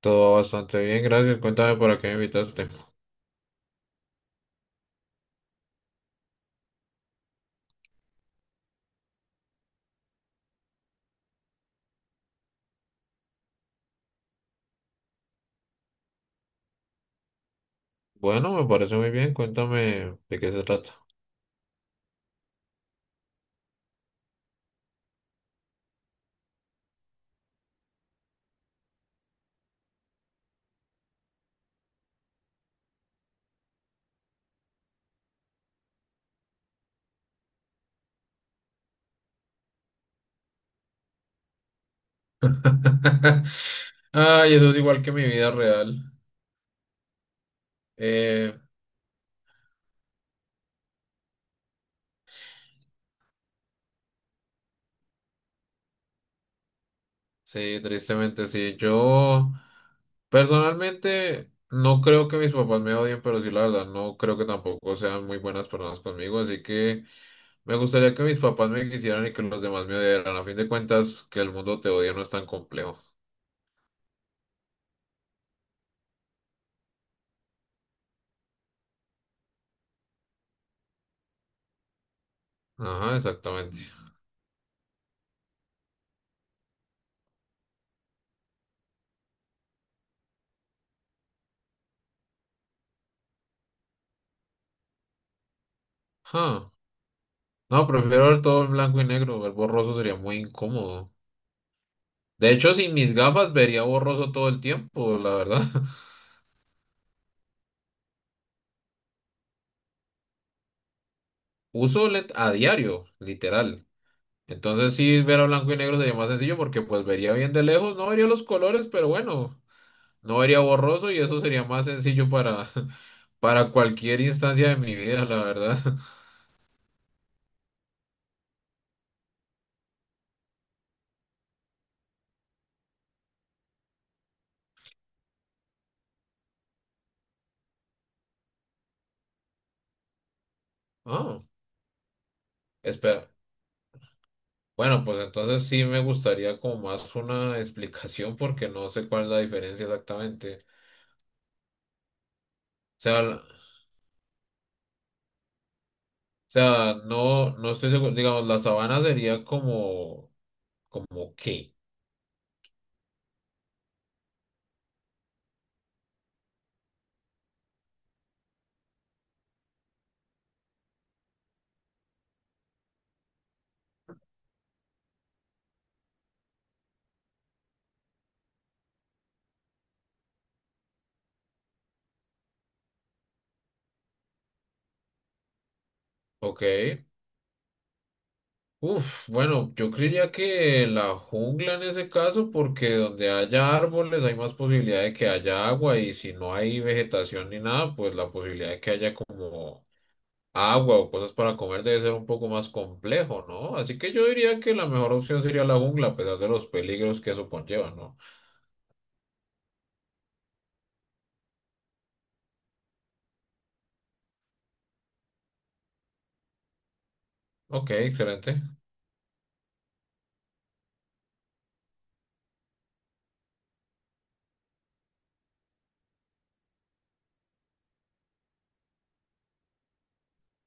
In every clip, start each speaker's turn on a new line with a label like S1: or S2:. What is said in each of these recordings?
S1: Todo bastante bien, gracias. Cuéntame para qué me invitaste. Bueno, me parece muy bien. Cuéntame de qué se trata. Ay, eso es igual que mi vida real. Eh, sí, tristemente sí. Yo personalmente no creo que mis papás me odien, pero sí, la verdad, no creo que tampoco sean muy buenas personas conmigo. Así que me gustaría que mis papás me quisieran y que los demás me odiaran. A fin de cuentas, que el mundo te odia no es tan complejo. Ajá, exactamente. Huh. No, prefiero ver todo en blanco y negro. Ver borroso sería muy incómodo. De hecho, sin mis gafas vería borroso todo el tiempo, la verdad. Uso lent a diario, literal. Entonces sí, ver a blanco y negro sería más sencillo porque pues vería bien de lejos, no vería los colores, pero bueno, no vería borroso y eso sería más sencillo para, para cualquier instancia de mi vida, la verdad. Ah, espera. Bueno, pues entonces sí me gustaría como más una explicación porque no sé cuál es la diferencia exactamente. O sea, sea, no, no estoy seguro. Digamos, la sabana sería como, como qué, ¿ok? Uf, bueno, yo creería que la jungla en ese caso, porque donde haya árboles hay más posibilidad de que haya agua y si no hay vegetación ni nada, pues la posibilidad de que haya como agua o cosas para comer debe ser un poco más complejo, ¿no? Así que yo diría que la mejor opción sería la jungla, a pesar de los peligros que eso conlleva, ¿no? Ok, excelente.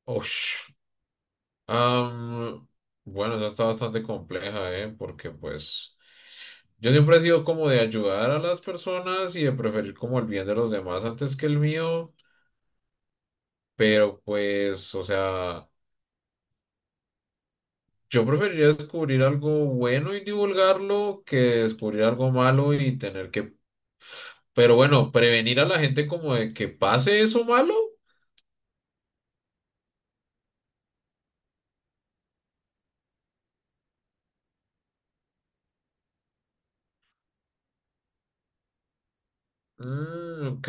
S1: Uf. Am, bueno, esa está bastante compleja, ¿eh? Porque pues yo siempre he sido como de ayudar a las personas y de preferir como el bien de los demás antes que el mío, pero pues, o sea, yo preferiría descubrir algo bueno y divulgarlo que descubrir algo malo y tener que, pero bueno, prevenir a la gente como de que pase eso malo. Mm, ok.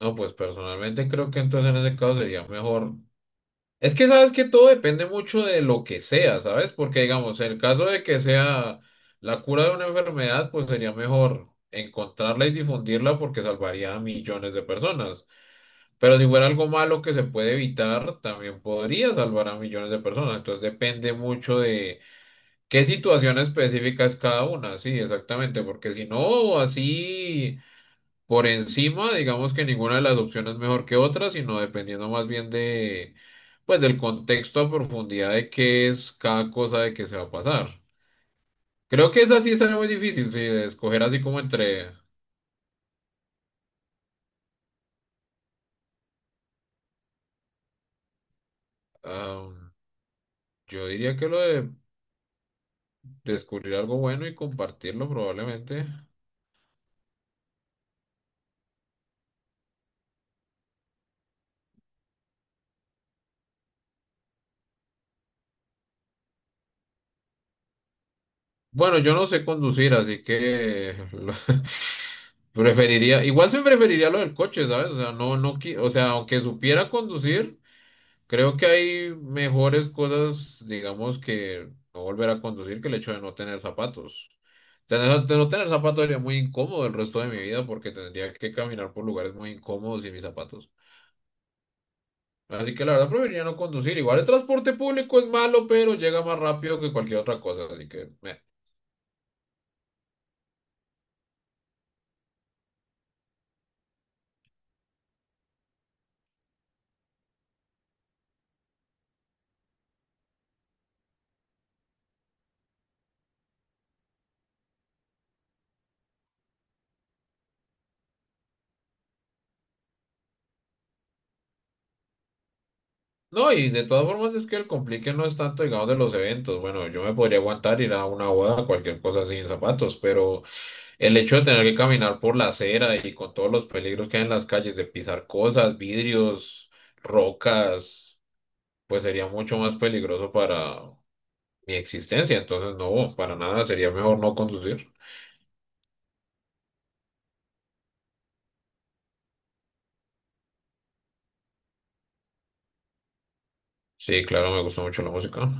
S1: No, pues personalmente creo que entonces en ese caso sería mejor. Es que sabes que todo depende mucho de lo que sea, ¿sabes? Porque digamos, en el caso de que sea la cura de una enfermedad, pues sería mejor encontrarla y difundirla porque salvaría a millones de personas. Pero si fuera algo malo que se puede evitar, también podría salvar a millones de personas. Entonces depende mucho de qué situación específica es cada una. Sí, exactamente, porque si no, así por encima, digamos que ninguna de las opciones es mejor que otra, sino dependiendo más bien de, pues, del contexto a profundidad de qué es cada cosa de que se va a pasar. Creo que esa sí está muy difícil, sí, de escoger así como entre, am, yo diría que lo de descubrir algo bueno y compartirlo probablemente. Bueno, yo no sé conducir, así que lo- preferiría, igual se preferiría lo del coche, ¿sabes? O sea, no, no, qui- o sea, aunque supiera conducir. Creo que hay mejores cosas, digamos, que no volver a conducir que el hecho de no tener zapatos. Tener, de no tener zapatos sería muy incómodo el resto de mi vida porque tendría que caminar por lugares muy incómodos sin mis zapatos. Así que la verdad preferiría no conducir. Igual el transporte público es malo, pero llega más rápido que cualquier otra cosa. Así que, meh. No, y de todas formas es que el complique no es tanto, digamos, de los eventos. Bueno, yo me podría aguantar ir a una boda, cualquier cosa sin zapatos, pero el hecho de tener que caminar por la acera y con todos los peligros que hay en las calles, de pisar cosas, vidrios, rocas, pues sería mucho más peligroso para mi existencia. Entonces, no, para nada, sería mejor no conducir. Sí, claro, me gusta mucho la música.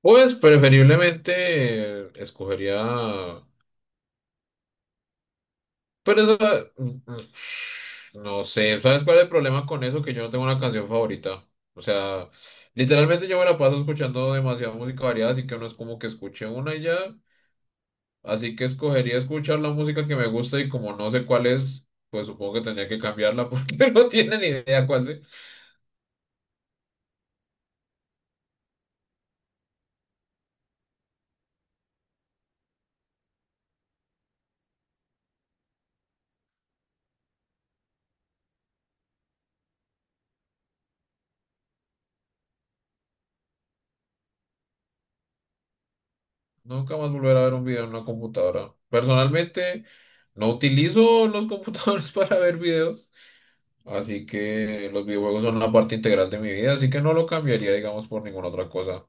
S1: Pues preferiblemente escogería. Pero eso, no sé, ¿sabes cuál es el problema con eso? Que yo no tengo una canción favorita. O sea, literalmente yo me la paso escuchando demasiada música variada, así que no es como que escuche una y ya. Así que escogería escuchar la música que me gusta y como no sé cuál es, pues supongo que tendría que cambiarla porque no tiene ni idea cuál es. Nunca más volver a ver un video en una computadora. Personalmente, no utilizo los computadores para ver videos. Así que los videojuegos son una parte integral de mi vida, así que no lo cambiaría, digamos, por ninguna otra cosa.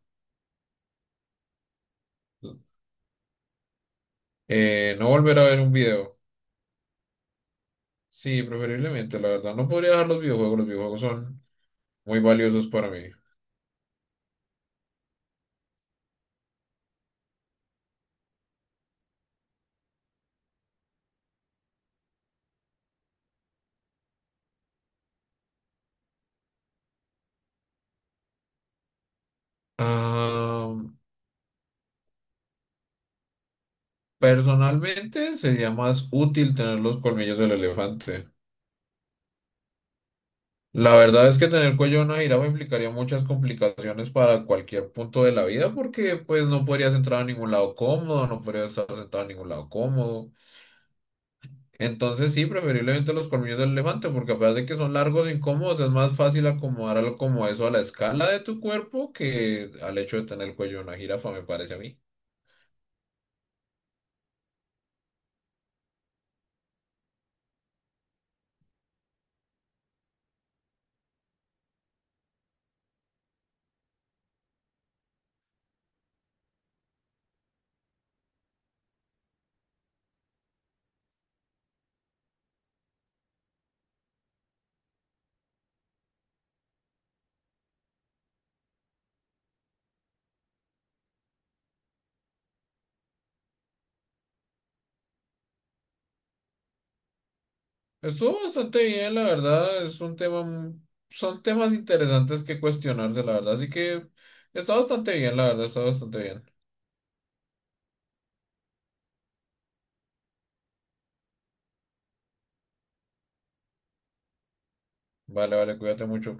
S1: No volver a ver un video. Sí, preferiblemente, la verdad. No podría dejar los videojuegos son muy valiosos para mí. Ah, personalmente sería más útil tener los colmillos del elefante. La verdad es que tener el cuello de una jirafa implicaría muchas complicaciones para cualquier punto de la vida porque pues no podrías entrar a ningún lado cómodo, no podrías estar sentado en ningún lado cómodo. Entonces sí, preferiblemente los colmillos del elefante, porque a pesar de que son largos e incómodos, es más fácil acomodar algo como eso a la escala de tu cuerpo que al hecho de tener el cuello de una jirafa, me parece a mí. Estuvo bastante bien, la verdad, es un tema, mu- son temas interesantes que cuestionarse, la verdad, así que está bastante bien, la verdad, está bastante bien. Vale, vale, cuídate mucho.